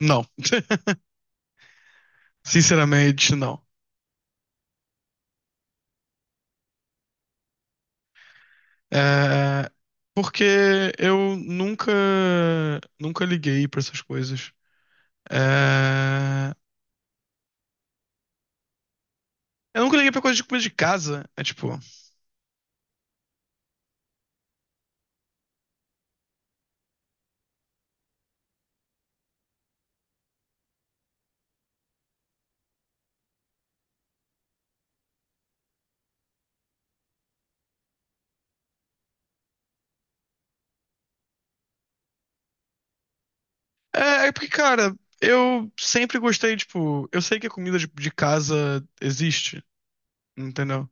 Não. Sinceramente, não. É, porque eu nunca, nunca liguei pra essas coisas. É, eu nunca liguei pra coisa de comida de casa. É tipo. É, é porque, cara, eu sempre gostei, tipo, eu sei que a comida de casa existe, entendeu?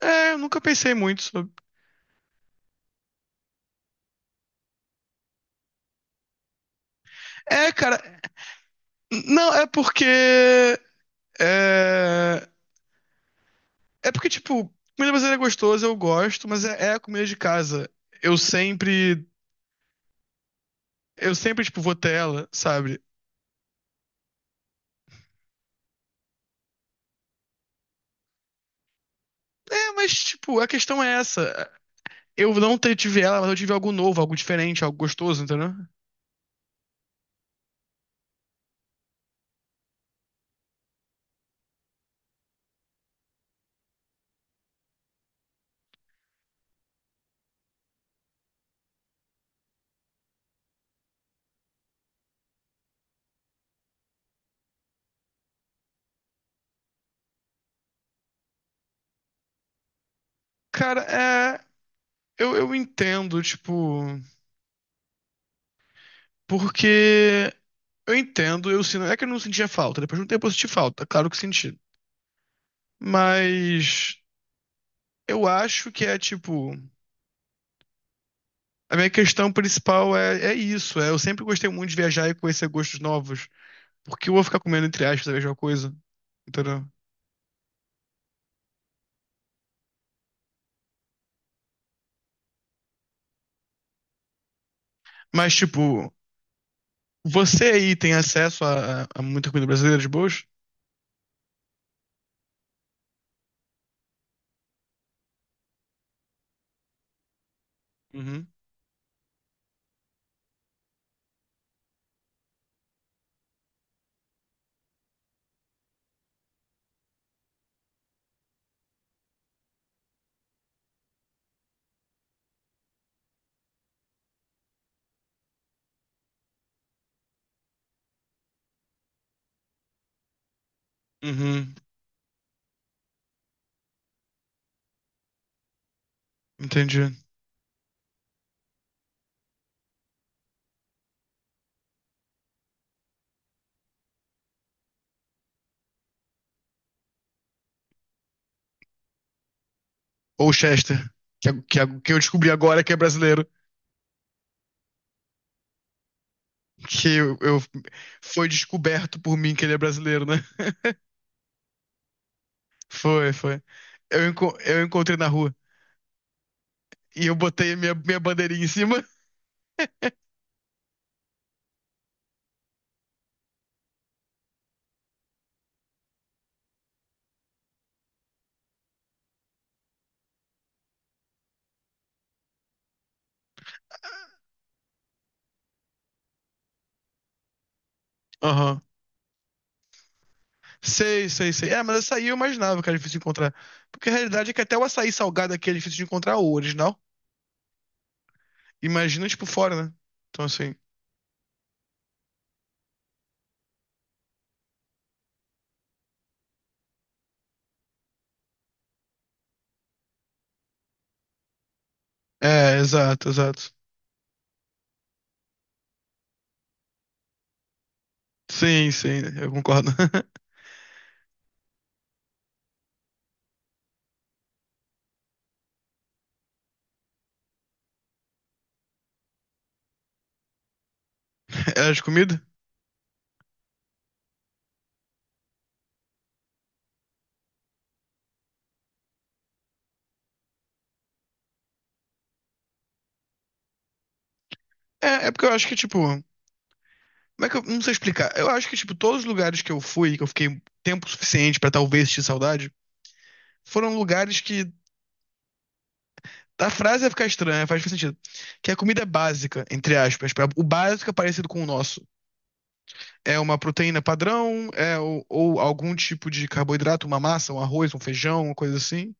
É, eu nunca pensei muito sobre. É, cara. Não, é porque. É, É porque, tipo, comida brasileira é gostosa, eu gosto, mas é a comida de casa. Eu sempre, eu sempre, tipo, vou ter ela, sabe? É, mas, tipo, a questão é essa. Eu não tive ela, mas eu tive algo novo, algo diferente, algo gostoso, entendeu? Cara, é. Eu entendo, tipo. Porque. Eu entendo, eu sinto. É que eu não sentia falta. Depois de um tempo eu senti falta, claro que senti. Mas. Eu acho que é, tipo. A minha questão principal é isso. É, eu sempre gostei muito de viajar e conhecer gostos novos. Porque eu vou ficar comendo, entre aspas, a mesma coisa, entendeu? Mas, tipo, você aí tem acesso a muita comida brasileira de boas? Uhum, uhum, entendi. Ou Chester, que eu descobri agora que é brasileiro. Que eu, eu- Foi descoberto por mim que ele é brasileiro, né? Foi, foi. Eu encontrei na rua e eu botei minha bandeirinha em cima. Aham. Sei, sei, sei. É, mas açaí eu imaginava que era difícil de encontrar. Porque a realidade é que até o açaí salgado aqui é difícil de encontrar o original. Imagina, tipo, fora, né? Então, assim. É, exato, exato. Sim, sim, eu concordo. É de comida? É porque eu acho que, tipo. Como é que eu. Não sei explicar. Eu acho que, tipo, todos os lugares que eu fui, que eu fiquei tempo suficiente pra talvez sentir saudade, foram lugares que. A frase vai ficar estranha, faz sentido. Que a comida é básica, entre aspas. O básico é parecido com o nosso. É uma proteína padrão, é, ou algum tipo de carboidrato, uma massa, um arroz, um feijão, uma coisa assim.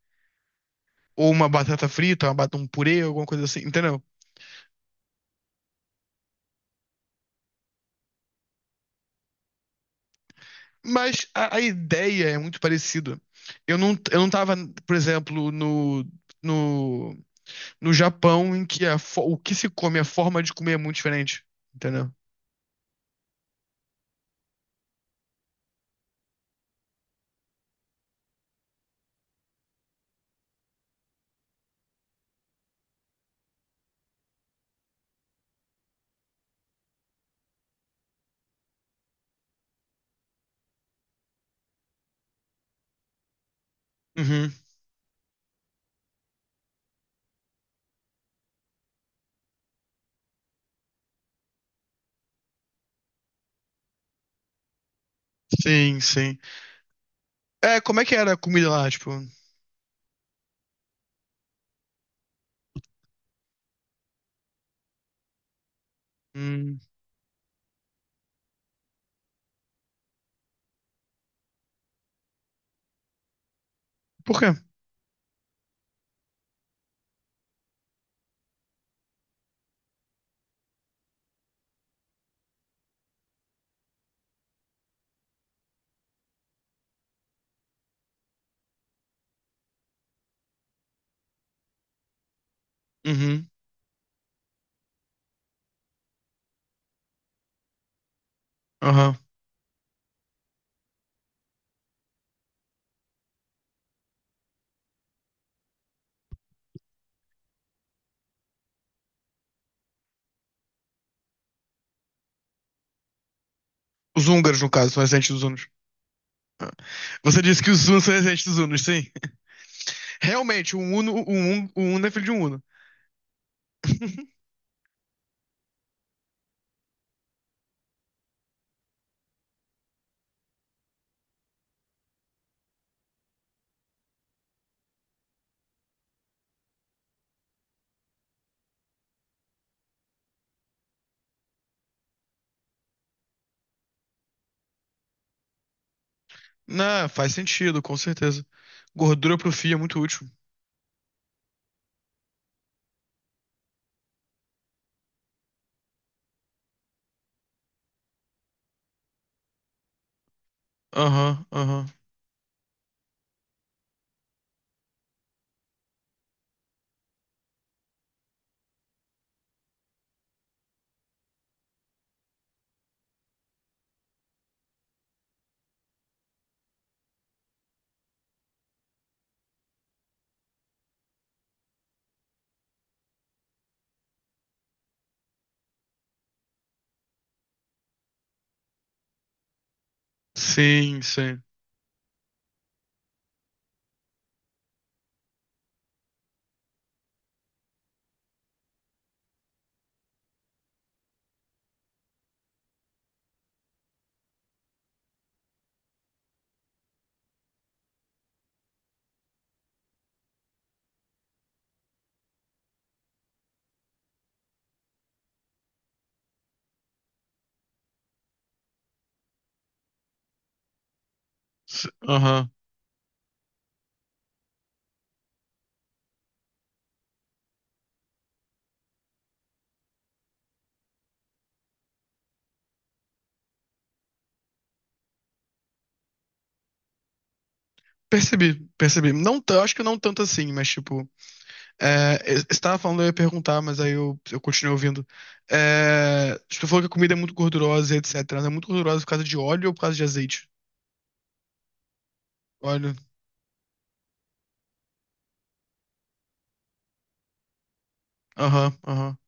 Ou uma batata frita, um purê, alguma coisa assim, entendeu? Mas a ideia é muito parecida. Eu não tava, por exemplo, no, no Japão, em que o que se come, a forma de comer é muito diferente. Entendeu? Uhum. Sim, sim. É, como é que era a comida lá, tipo? Hum, por quê? Uhum. Aham. Os húngaros, no caso, são residentes dos hunos. Ah. Você disse que os hunos são residentes dos hunos, sim. Realmente, um uno um uno é filho de um huno. Não, faz sentido, com certeza. Gordura pro fio é muito útil. Aham, aham. Sim, sim. Aham. Percebi, percebi. Não, acho que não tanto assim, mas tipo. É, você tava falando, eu ia perguntar, mas aí eu continuei ouvindo. É, tipo, você falou que a comida é muito gordurosa, e etc. Ela é muito gordurosa por causa de óleo ou por causa de azeite? Óleo. Aham, aham.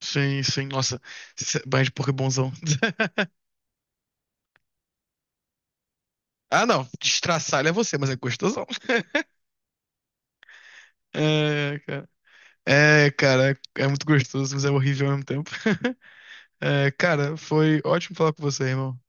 Sim, sim. Nossa, banho de porco é bonzão. Ah, não. Destraçalho é você, mas é gostosão. É, cara. É, cara, é muito gostoso, mas é horrível ao mesmo tempo. É, cara, foi ótimo falar com você, irmão.